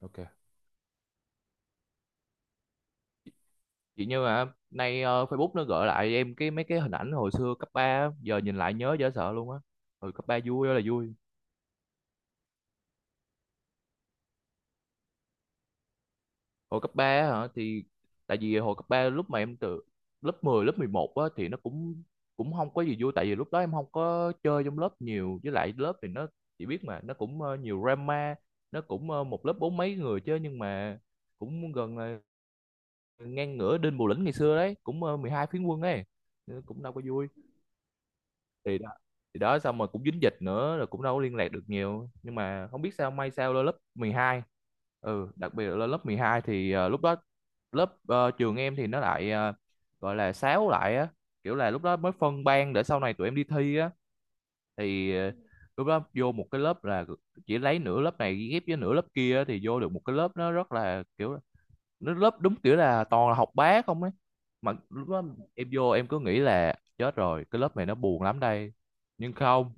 OK. chỉ như mà nay Facebook nó gợi lại em cái mấy cái hình ảnh hồi xưa cấp 3, á, giờ nhìn lại nhớ dễ sợ luôn á. Hồi cấp 3 vui ơi là vui. Hồi cấp 3 á hả thì tại vì hồi cấp 3 lúc mà em từ lớp 10 lớp 11 á thì nó cũng cũng không có gì vui tại vì lúc đó em không có chơi trong lớp nhiều với lại lớp thì nó chỉ biết mà nó cũng nhiều drama. Nó cũng một lớp bốn mấy người chứ nhưng mà cũng gần là ngang ngửa Đinh Bộ Lĩnh ngày xưa đấy, cũng 12 phiến quân ấy. Nên cũng đâu có vui. Thì đó, thì đó xong rồi cũng dính dịch nữa rồi cũng đâu có liên lạc được nhiều nhưng mà không biết sao may sao lên lớp 12. Ừ, đặc biệt là lên lớp 12 thì lúc đó lớp trường em thì nó lại gọi là sáo lại á, kiểu là lúc đó mới phân ban để sau này tụi em đi thi á. Thì lúc đó vô một cái lớp là chỉ lấy nửa lớp này ghép với nửa lớp kia á, thì vô được một cái lớp nó rất là kiểu nó lớp đúng kiểu là toàn là học bá không ấy mà lúc đó em vô em cứ nghĩ là chết rồi cái lớp này nó buồn lắm đây. Nhưng không,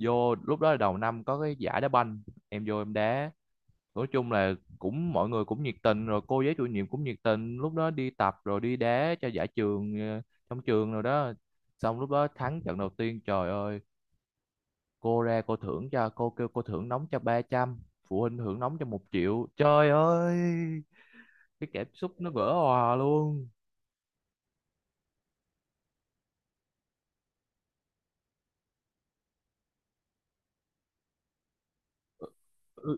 vô lúc đó là đầu năm có cái giải đá banh em vô em đá, nói chung là cũng mọi người cũng nhiệt tình rồi cô giáo chủ nhiệm cũng nhiệt tình lúc đó đi tập rồi đi đá cho giải trường trong trường rồi đó. Xong lúc đó thắng trận đầu tiên trời ơi cô ra cô thưởng cho cô kêu cô thưởng nóng cho 300, phụ huynh thưởng nóng cho 1.000.000, trời ơi cái cảm xúc nó vỡ òa luôn. Ừ,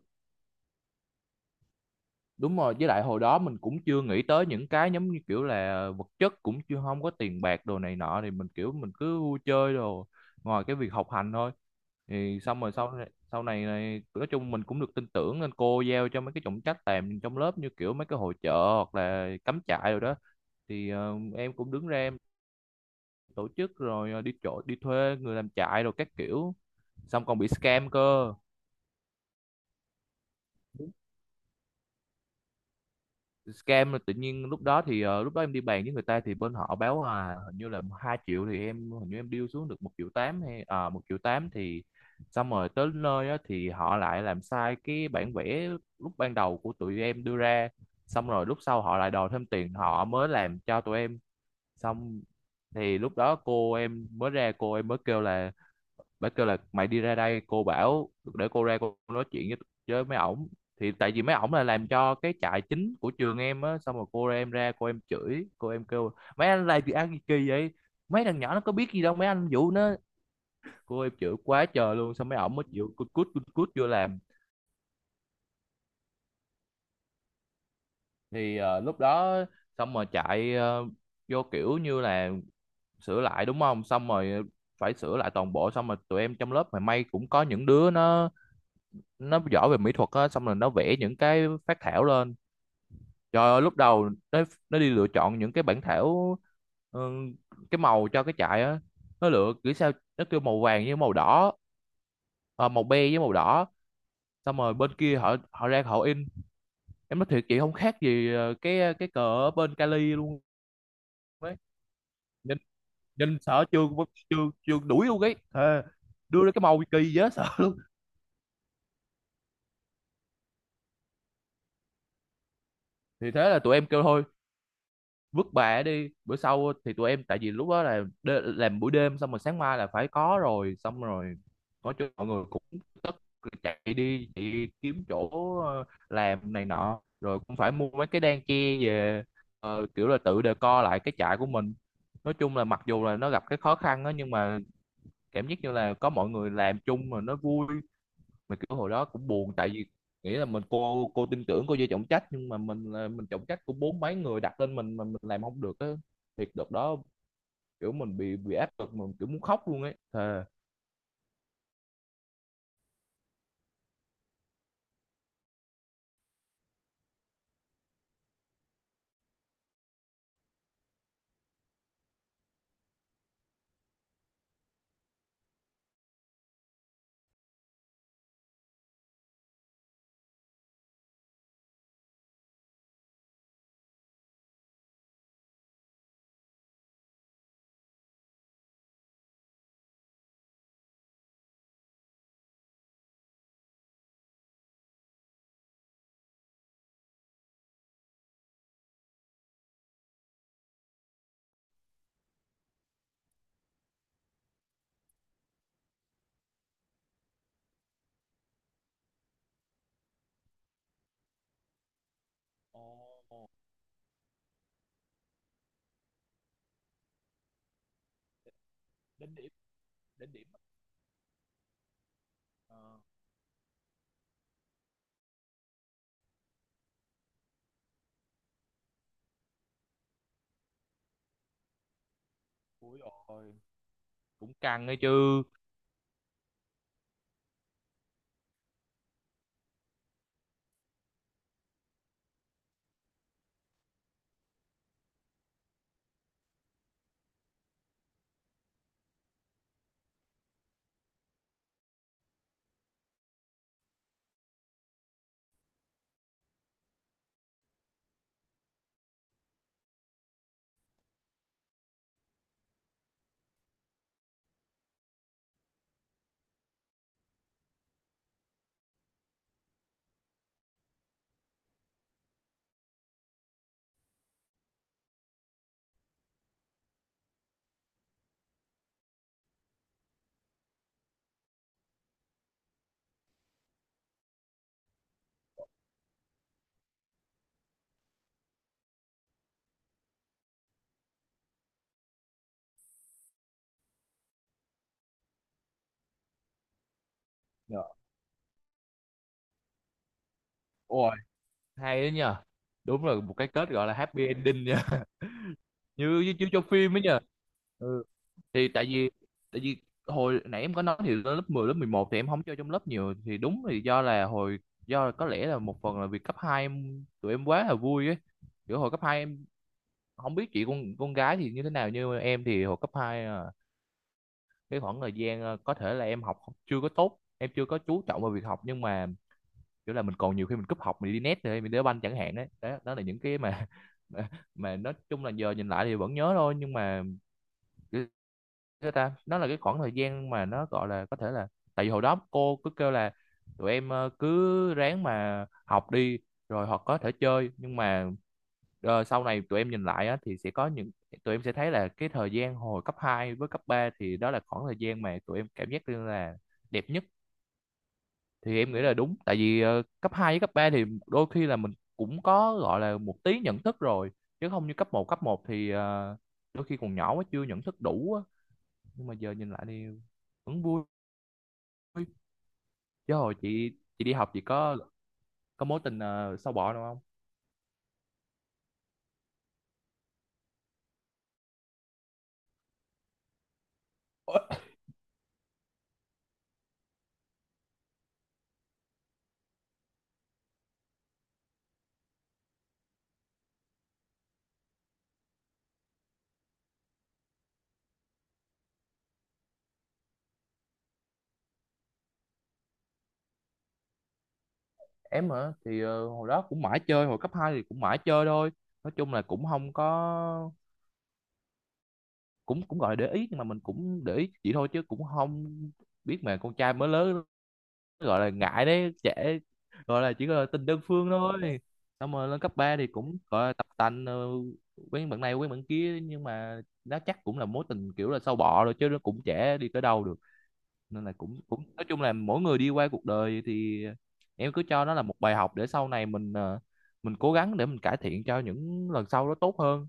đúng rồi với lại hồi đó mình cũng chưa nghĩ tới những cái giống như kiểu là vật chất cũng chưa không có tiền bạc đồ này nọ thì mình kiểu mình cứ vui chơi đồ ngoài cái việc học hành thôi. Thì xong rồi sau này nói chung mình cũng được tin tưởng nên cô giao cho mấy cái trọng trách làm trong lớp như kiểu mấy cái hội chợ hoặc là cắm trại rồi đó. Thì em cũng đứng ra em tổ chức rồi đi chỗ đi thuê người làm trại rồi các kiểu, xong còn bị scam cơ. Scam là tự nhiên lúc đó thì lúc đó em đi bàn với người ta thì bên họ báo là hình như là 2.000.000 thì em hình như em deal xuống được 1.800.000 hay 1.800.000 thì xong rồi tới nơi á, thì họ lại làm sai cái bản vẽ lúc ban đầu của tụi em đưa ra, xong rồi lúc sau họ lại đòi thêm tiền họ mới làm cho tụi em xong. Thì lúc đó cô em mới ra cô em mới kêu là bác kêu là mày đi ra đây cô bảo để cô ra cô nói chuyện với mấy ổng. Thì tại vì mấy ổng là làm cho cái trại chính của trường em á xong rồi cô ra em ra cô em chửi cô em kêu mấy anh làm gì ăn gì kỳ vậy, mấy thằng nhỏ nó có biết gì đâu mấy anh vụ nó. Cô em chửi quá trời luôn xong mấy ổng mới chịu cút cút cút cút vô làm. Thì lúc đó xong rồi chạy vô kiểu như là sửa lại đúng không xong rồi phải sửa lại toàn bộ. Xong rồi tụi em trong lớp mà may cũng có những đứa nó giỏi về mỹ thuật á xong rồi nó vẽ những cái phác thảo lên. Trời ơi lúc đầu nó đi lựa chọn những cái bản thảo, ừ, cái màu cho cái trại á nó lựa kiểu sao nó kêu màu vàng với màu đỏ, à, màu be với màu đỏ. Xong rồi bên kia họ họ ra họ in, em nói thiệt chị không khác gì cái cờ ở bên Cali luôn ấy. Nhìn nhìn sợ chưa chưa chưa đuổi luôn ấy thề, đưa ra cái màu kỳ dễ sợ luôn. Thì thế là tụi em kêu thôi vứt bà đi bữa sau thì tụi em tại vì lúc đó là đê, làm buổi đêm xong rồi sáng mai là phải có rồi xong rồi có chỗ mọi người cũng tất chạy đi kiếm chỗ làm này nọ rồi cũng phải mua mấy cái đan che về, kiểu là tự decor lại cái trại của mình. Nói chung là mặc dù là nó gặp cái khó khăn đó nhưng mà cảm giác như là có mọi người làm chung mà nó vui. Mà kiểu hồi đó cũng buồn tại vì nghĩ là mình cô tin tưởng cô vô trọng trách nhưng mà mình trọng trách của bốn mấy người đặt lên mình mà mình làm không được á. Thiệt đợt đó kiểu mình bị áp lực mình kiểu muốn khóc luôn ấy thề. Ồ, đến điểm đến điểm. Ờ, ui rồi cũng căng ấy chứ. Dạ, ôi hay đấy nhờ, đúng là một cái kết gọi là happy ending nha như như, như trong phim ấy nhờ. Ừ, thì tại vì hồi nãy em có nói thì lên lớp 10, lớp 11 thì em không chơi trong lớp nhiều thì đúng thì do là hồi do là có lẽ là một phần là vì cấp 2 em, tụi em quá là vui ấy. Kiểu hồi cấp 2 em không biết chị con gái thì như thế nào nhưng mà em thì hồi cấp hai, à, cái khoảng thời gian, à, có thể là em học không- chưa có tốt em chưa có chú trọng vào việc học nhưng mà kiểu là mình còn nhiều khi mình cúp học mình đi net rồi mình đá banh chẳng hạn đấy đó, đó là những cái mà mà, mà nói chung là giờ nhìn lại thì vẫn nhớ thôi nhưng mà thế ta nó là cái khoảng thời gian mà nó gọi là có thể là tại vì hồi đó cô cứ kêu là tụi em cứ ráng mà học đi rồi hoặc có thể chơi nhưng mà sau này tụi em nhìn lại á, thì sẽ có những tụi em sẽ thấy là cái thời gian hồi cấp 2 với cấp 3 thì đó là khoảng thời gian mà tụi em cảm giác như là đẹp nhất. Thì em nghĩ là đúng tại vì cấp 2 với cấp 3 thì đôi khi là mình cũng có gọi là một tí nhận thức rồi chứ không như cấp một thì đôi khi còn nhỏ quá chưa nhận thức đủ á. Nhưng mà giờ nhìn lại thì vẫn vui. Chứ hồi chị đi học chị có mối tình sâu bọ nào không? Em hả, thì hồi đó cũng mãi chơi hồi cấp 2 thì cũng mãi chơi thôi, nói chung là cũng không có cũng cũng gọi là để ý nhưng mà mình cũng để ý chị thôi chứ cũng không biết mà con trai mới lớn gọi là ngại đấy trẻ, gọi là chỉ gọi là tình đơn phương thôi. Xong rồi lên cấp 3 thì cũng gọi là tập tành quen bạn này quen bạn kia nhưng mà nó chắc cũng là mối tình kiểu là sâu bọ rồi chứ nó cũng trẻ đi tới đâu được, nên là cũng cũng nói chung là mỗi người đi qua cuộc đời thì em cứ cho nó là một bài học để sau này mình mình cố gắng để mình cải thiện cho những lần sau nó tốt hơn.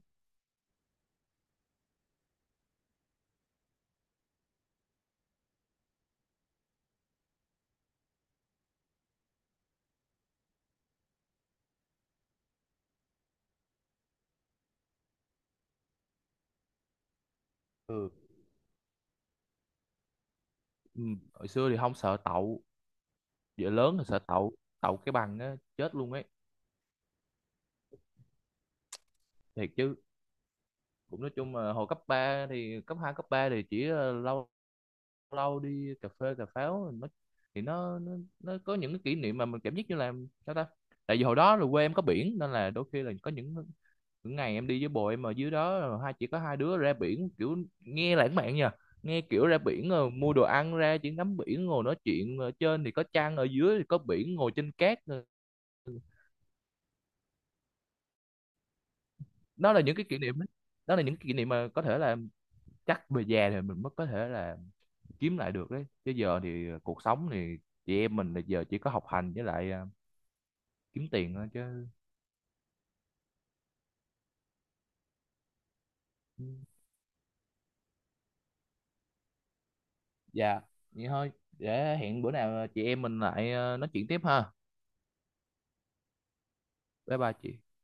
Ừ, ừ. Hồi xưa thì không sợ đậu, giờ lớn thì sợ đậu, đậu cái bằng á chết luôn ấy thiệt chứ. Cũng nói chung là hồi cấp 3 thì cấp 2 cấp 3 thì chỉ lâu lâu đi cà phê cà pháo, nó thì nó có những cái kỷ niệm mà mình cảm giác như là sao ta. Tại vì hồi đó là quê em có biển nên là đôi khi là có những ngày em đi với bồ em ở dưới đó chỉ có hai đứa ra biển kiểu nghe lãng mạn nha, nghe kiểu ra biển rồi mua đồ ăn ra chỉ ngắm biển ngồi nói chuyện. Ờ, trên thì có trăng ở dưới thì có biển ngồi trên cát. Ờ, đó là những cái kỷ niệm đó. Đó là những kỷ niệm mà có thể là chắc về già thì mình mới có thể là kiếm lại được đấy chứ giờ thì cuộc sống thì chị em mình là giờ chỉ có học hành với lại, à, kiếm tiền thôi chứ. Dạ vậy thôi, để hẹn bữa nào chị em mình lại, à, nói chuyện tiếp ha. Bye bye chị.